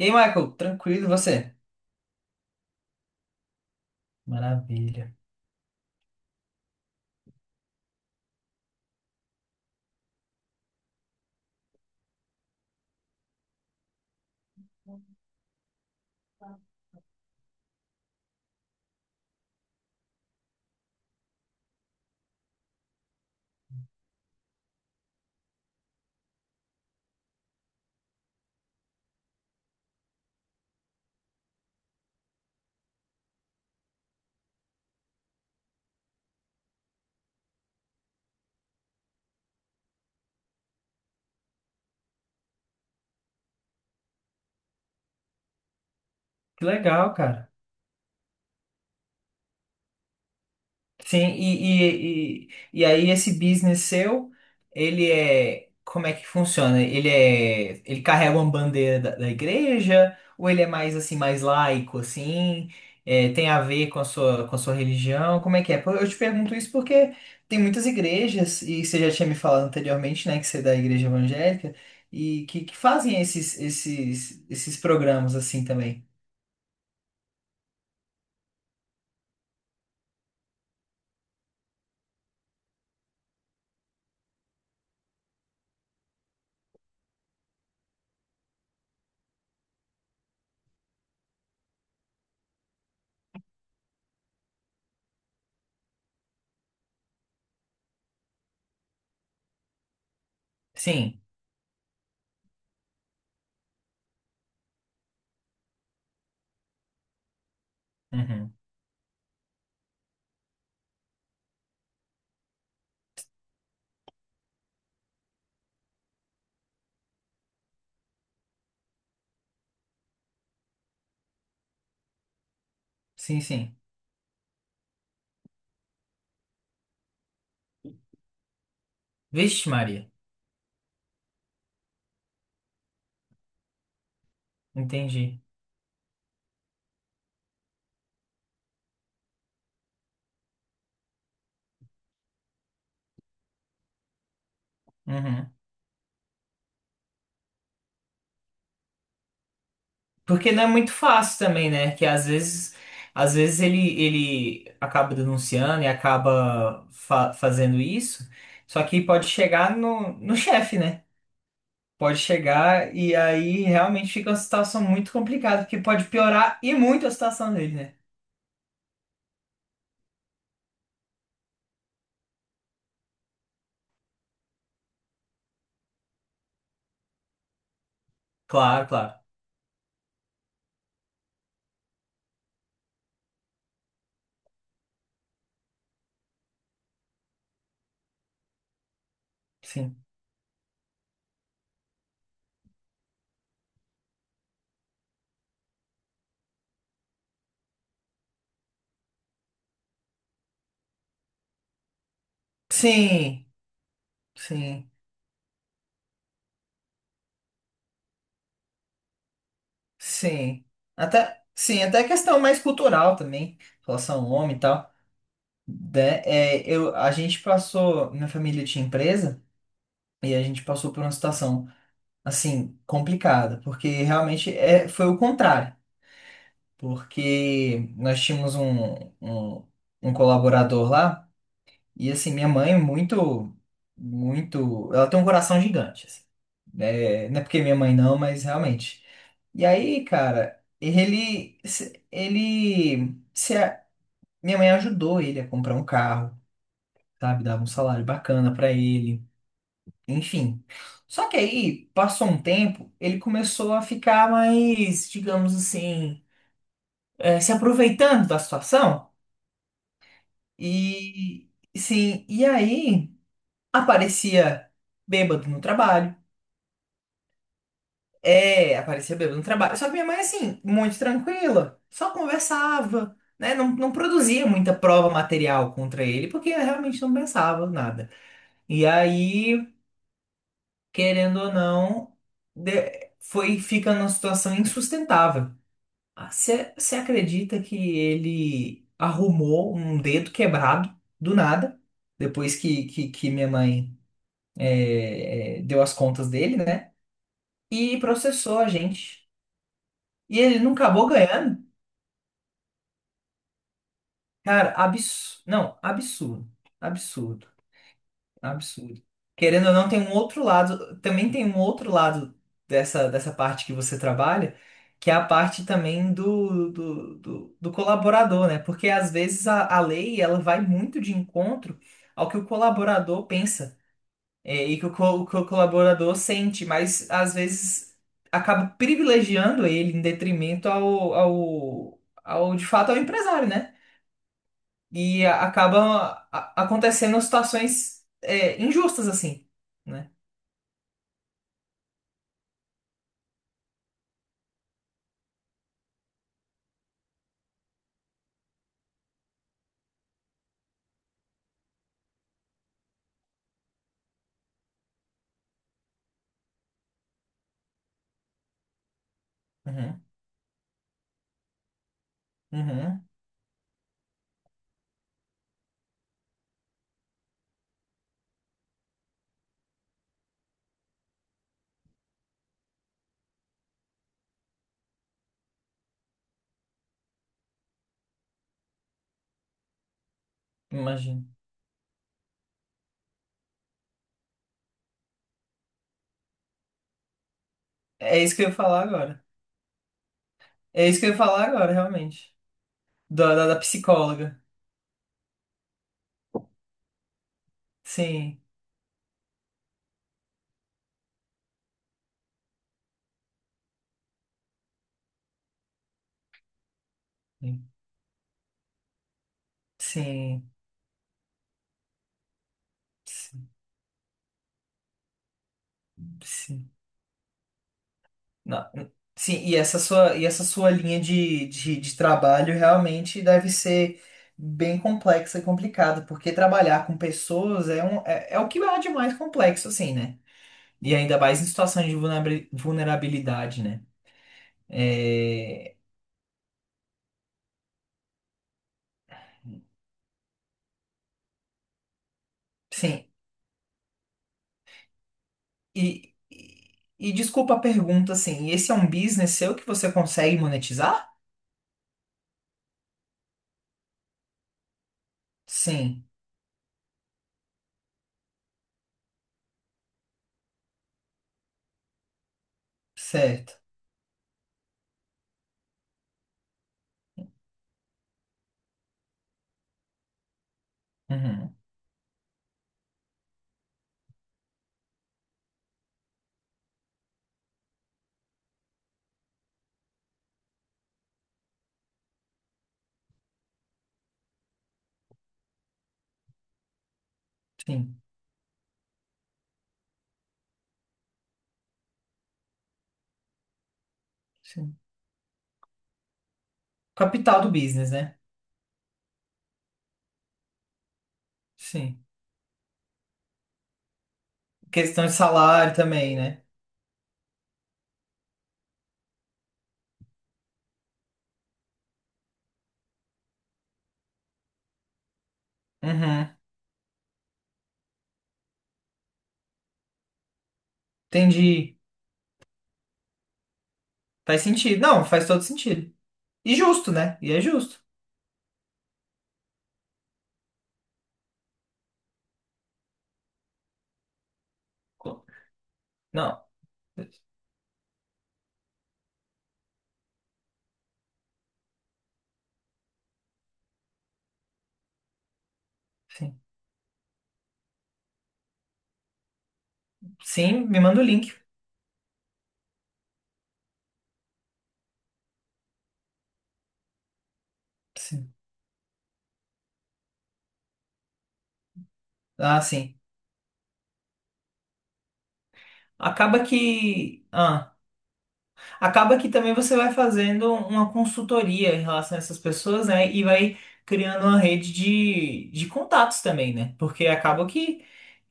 E aí, Michael, tranquilo, e você? Maravilha. Que legal, cara. Sim, e aí esse business seu, como é que funciona? Ele carrega uma bandeira da igreja, ou ele é mais assim, mais laico, assim? É, tem a ver com a sua religião? Como é que é? Pô, eu te pergunto isso porque tem muitas igrejas, e você já tinha me falado anteriormente, né, que você é da igreja evangélica, e que fazem esses programas assim também. Sim. Uhum. Sim, sim. Vixe, Maria. Entendi. Uhum. Porque não é muito fácil também, né? Que às vezes ele acaba denunciando e acaba fazendo isso. Só que pode chegar no chefe, né? Pode chegar e aí realmente fica uma situação muito complicada, que pode piorar e muito a situação dele, né? Claro, claro. Sim. Sim, sim, sim. Até, sim, até questão mais cultural também, relação ao homem e tal. De- É, eu, a gente passou, minha família tinha empresa e a gente passou por uma situação assim complicada, porque realmente é, foi o contrário, porque nós tínhamos um colaborador lá e assim minha mãe é muito muito, ela tem um coração gigante, assim, né? Não é porque minha mãe não, mas realmente. E aí, cara, ele se, minha mãe ajudou ele a comprar um carro, sabe? Dava um salário bacana pra ele, enfim. Só que aí, passou um tempo, ele começou a ficar mais, digamos assim, se aproveitando da situação. E, sim, e aí aparecia bêbado no trabalho. É, aparecia bêbado no trabalho. Só que minha mãe, assim, muito tranquila, só conversava. Né? Não, não produzia muita prova material contra ele, porque ela realmente não pensava nada. E aí querendo ou não, foi fica numa situação insustentável. Ah, você acredita que ele arrumou um dedo quebrado do nada, depois que minha mãe deu as contas dele, né? E processou a gente. E ele não acabou ganhando? Cara, absurdo. Não, absurdo. Absurdo. Absurdo. Querendo ou não, tem um outro lado, também tem um outro lado dessa, dessa parte que você trabalha, que é a parte também do colaborador, né? Porque às vezes a lei ela vai muito de encontro ao que o colaborador pensa, é, e que o que o colaborador sente, mas às vezes acaba privilegiando ele em detrimento ao de fato ao empresário, né? E acaba acontecendo situações é, injustas assim, né? Uhum, uhum, imagino. É isso que eu ia falar agora. É isso que eu ia falar agora, realmente. Da psicóloga. Sim, sim, sim, sim. Na- sim, e essa sua linha de trabalho realmente deve ser bem complexa e complicada, porque trabalhar com pessoas é, um, é, é o que há de mais complexo, assim, né? E ainda mais em situações de vulnerabilidade, né? É, sim, e, e, e desculpa a pergunta, assim, esse é um business seu que você consegue monetizar? Sim, certo. Uhum, sim, sim. Capital do business, né? Sim. Questão de salário também, né? Uhum, entendi. Faz sentido. Não, faz todo sentido. E justo, né? E é justo. Co- Não, sim. Sim, me manda o link. Sim. Ah, sim. Acaba que. Ah. Acaba que também você vai fazendo uma consultoria em relação a essas pessoas, né? E vai criando uma rede de contatos também, né? Porque acaba que,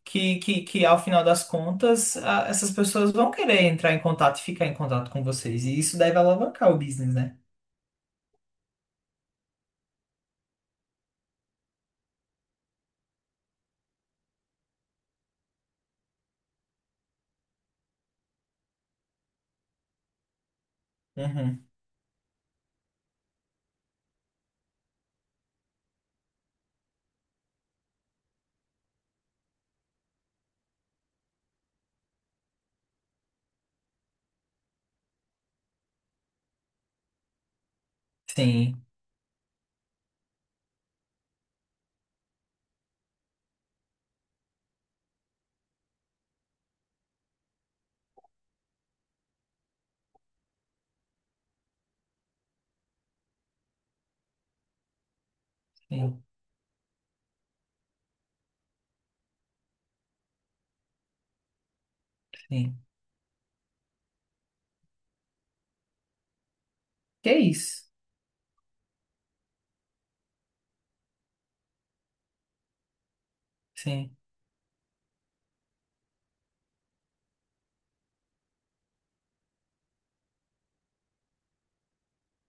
que, que, que ao final das contas, essas pessoas vão querer entrar em contato e ficar em contato com vocês. E isso deve alavancar o business, né? Uhum. Sim, sim, sim. Que é isso? Sim.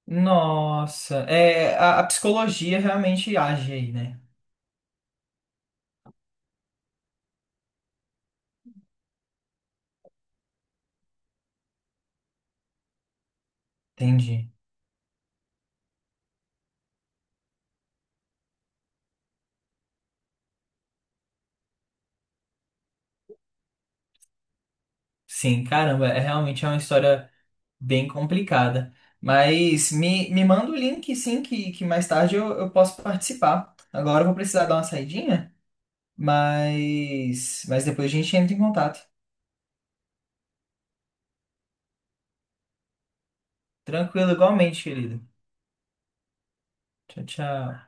Nossa, é, a psicologia realmente age aí, né? Entendi. Sim, caramba, é realmente é uma história bem complicada. Mas me manda o link, sim, que mais tarde eu posso participar. Agora eu vou precisar dar uma saidinha, mas depois a gente entra em contato. Tranquilo, igualmente, querido. Tchau, tchau.